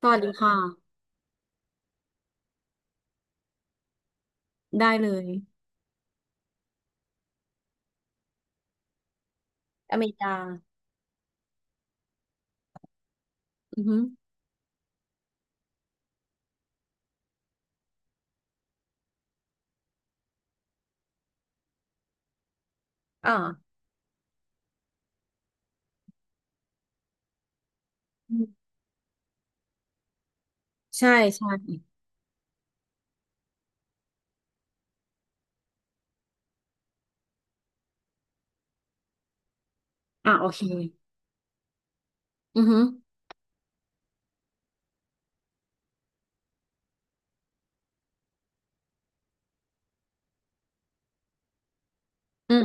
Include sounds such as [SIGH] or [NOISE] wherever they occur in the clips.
สวัสดีค่ะได้เลยอเมริกาอือฮึอ่าอืมใช่ใช่อ่าโอเคอือฮึอืม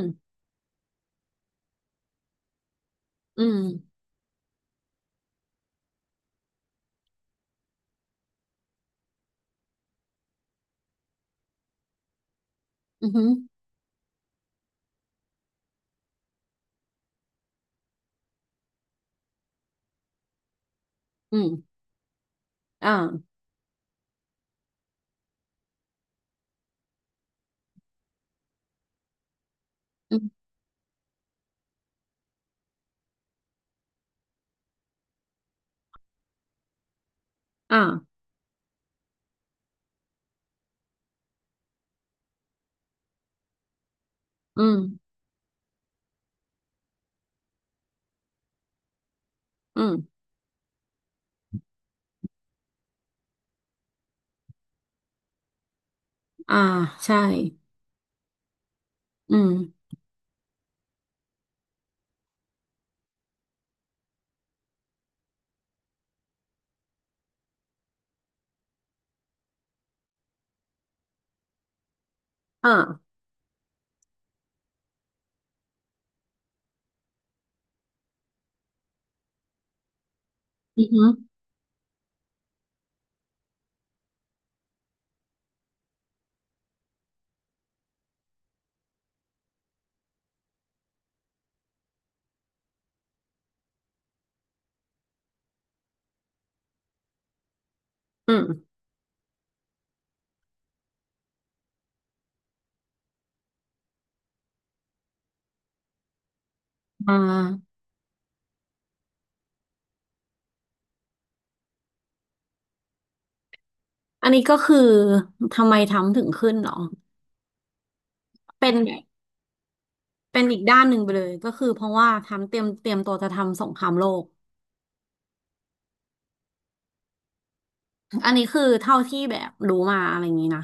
อืมอือฮึอืมอ่าอืมอ่าอืมอืมอ่าใช่อืมอ่าอือฮึอืมอ่าอันนี้ก็คือทำไมทำถึงขึ้นเหรอเป็นแบบเป็นอีกด้านหนึ่งไปเลยก็คือเพราะว่าทำเตรียมตัวจะทำสงครามโลก อันนี้คือเท่าที่แบบรู้มาอะไรอย่างนี้นะ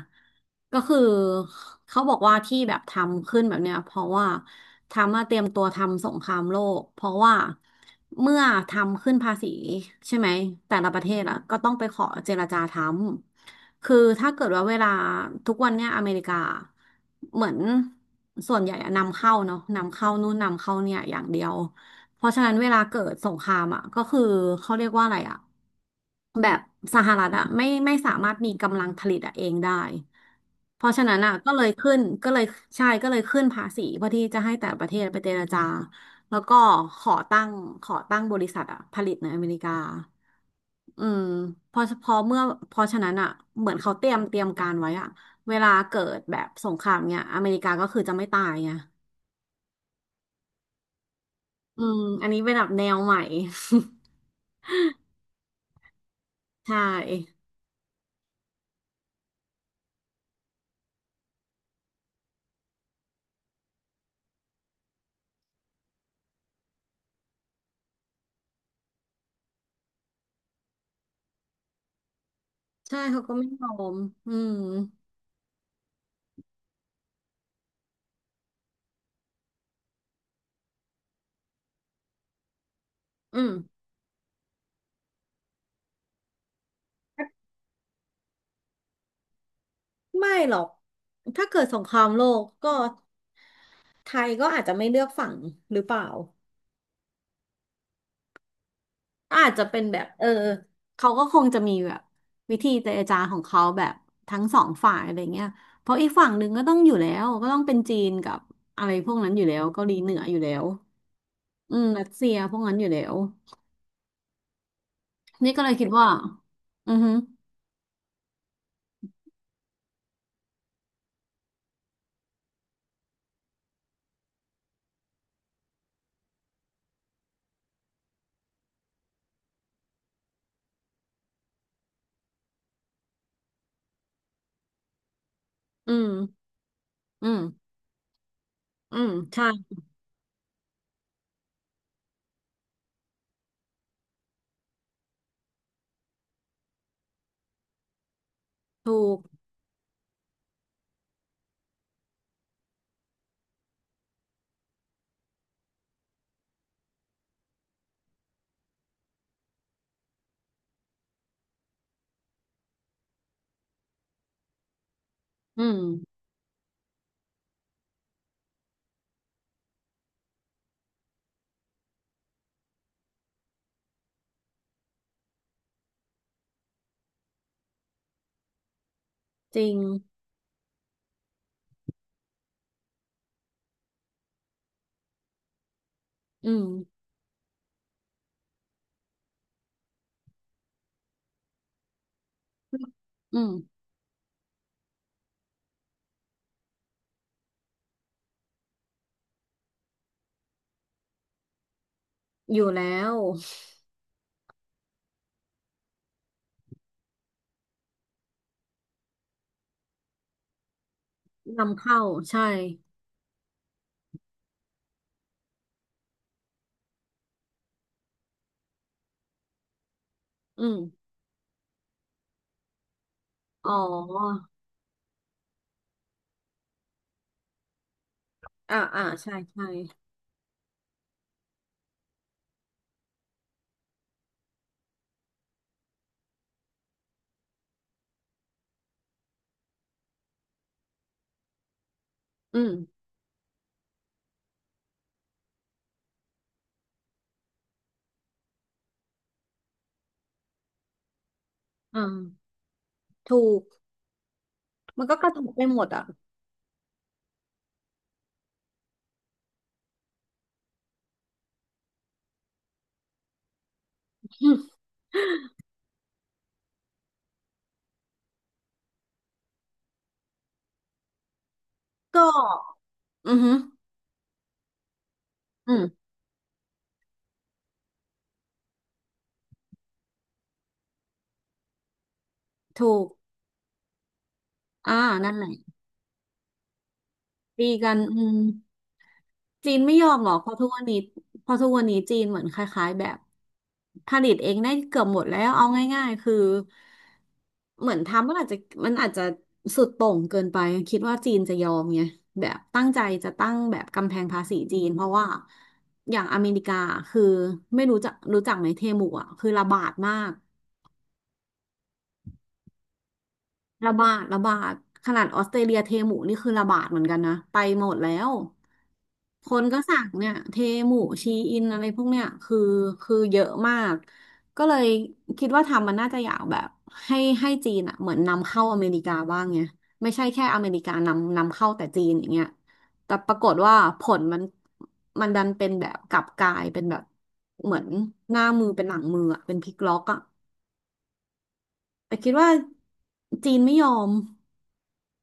ก็คือเขาบอกว่าที่แบบทำขึ้นแบบเนี้ยเพราะว่าทำมาเตรียมตัวทำสงครามโลกเพราะว่าเมื่อทำขึ้นภาษีใช่ไหมแต่ละประเทศอะก็ต้องไปขอเจรจาทำคือถ้าเกิดว่าเวลาทุกวันเนี้ยอเมริกาเหมือนส่วนใหญ่อะนำเข้าเนาะนำเข้านู่นนำเข้าเนี่ยอย่างเดียวเพราะฉะนั้นเวลาเกิดสงครามอ่ะก็คือเขาเรียกว่าอะไรอ่ะ แบบสหรัฐอ่ะไม่สามารถมีกำลังผลิตอะเองได้เพราะฉะนั้นอ่ะก็เลยขึ้นก็เลยใช่ก็เลยขึ้นภาษีเพื่อที่จะให้แต่ประเทศไปเจรจาแล้วก็ขอตั้งขอตั้งบริษัทอ่ะผลิตในอเมริกาอืมพอเมื่อเพอฉะนั้นอ่ะเหมือนเขาเตรียมการไว้อ่ะเวลาเกิดแบบสงครามเนี่ยอเมริกาก็คือจะไม่ตายไงอืมอันนี้เป็นแบบแนวใหม่ [LAUGHS] ใช่ใช่เขาก็ไม่ยอมอืมอืม ไม่หรอกถ้าเกิดสงครามโลกก็ไทยก็อาจจะไม่เลือกฝั่งหรือเปล่าอาจจะเป็นแบบเออเขาก็คงจะมีแบบวิธีเจรจาของเขาแบบทั้งสองฝ่ายอะไรเงี้ยเพราะอีกฝั่งหนึ่งก็ต้องอยู่แล้วก็ต้องเป็นจีนกับอะไรพวกนั้นอยู่แล้วเกาหลีเหนืออยู่แล้วอืมรัสเซียพวกนั้นอยู่แล้วนี่ก็เลยคิดว่าอือฮึอืมอืมอืมใช่ถูกอืมจริงอืมอืมอยู่แล้วนำเข้าใช่ อืม อ๋ออ่าอ่าใช่ ใช่ อืมอ่าถูก มันก็กระทบไปหมดอ่ะอืมก็ อือหืออืมถูกอ่านั่นแหละตีกัน อืม จีนไม่ยอมหรอกเพราะทุกวันนี้เพราะทุกวันนี้จีนเหมือนคล้ายๆแบบผลิตเองได้เกือบหมดแล้วเอาง่ายๆคือเหมือนทำมันอาจจะสุดโต่งเกินไปคิดว่าจีนจะยอมไงแบบตั้งใจจะตั้งแบบกำแพงภาษีจีนเพราะว่าอย่างอเมริกาคือไม่รู้จักไหมเทมูอ่ะคือระบาดมาก ระบาดขนาดออสเตรเลียเทหมูนี่คือระบาดเหมือนกันนะไปหมดแล้วคนก็สั่งเนี่ยเทหมูชีอินอะไรพวกเนี่ยคือคือเยอะมากก็เลยคิดว่าทำมันน่าจะอยากแบบให้จีนอ่ะเหมือนนำเข้าอเมริกาบ้างไงไม่ใช่แค่อเมริกานำเข้าแต่จีนอย่างเงี้ยแต่ปรากฏว่าผลมันมันดันเป็นแบบกลับกลายเป็นแบบเหมือนหน้ามือเป็นหลังมืออ่ะเป็นพลิกล็อกอ่ะแต่คิดว่าจีนไม่ยอม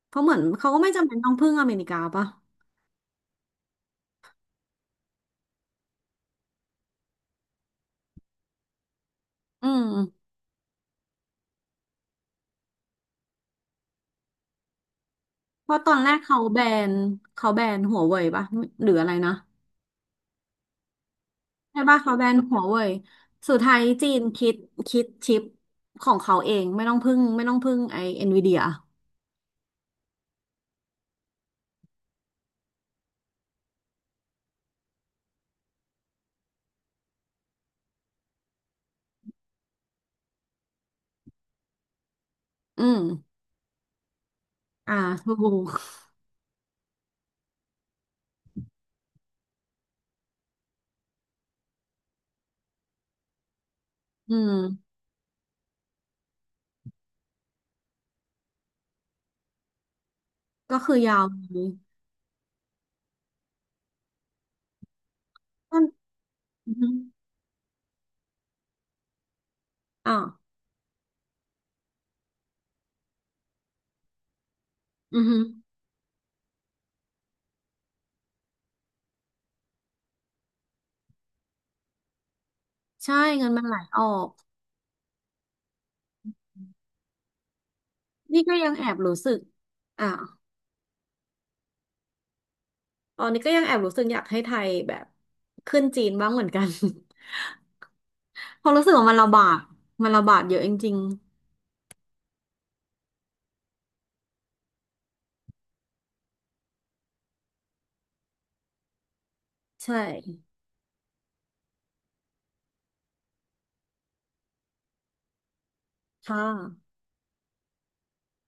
เขาเหมือนเขาก็ไม่จำเป็นต้องพึ่งอเมริกาป่ะอืมเพราะตอนแรกเขาแบนเขาแบนหัวเว่ยป่ะหรืออะไรนะใช่ป่ะเขาแบนหัวเว่ยสุดท้ายจีนคิดคิดชิปของเขาเองไม่ต้องพึ่งไอเอ็นวีเดียอืมอ่าถูกอืมก็คือยาวเลยก็อือฮึอ่าอือฮึใช่เงินมันไหลออกนี่ก็ยังแอบรู้สึกอ่าตอนนี้ก็ยังแอบรู้สึกอยากให้ไทยแบบขึ้นจีนบ้างเหมือนกัน เพราะรู้สึกว่ามันระบาดเยอะจริงๆใช่ค่ะ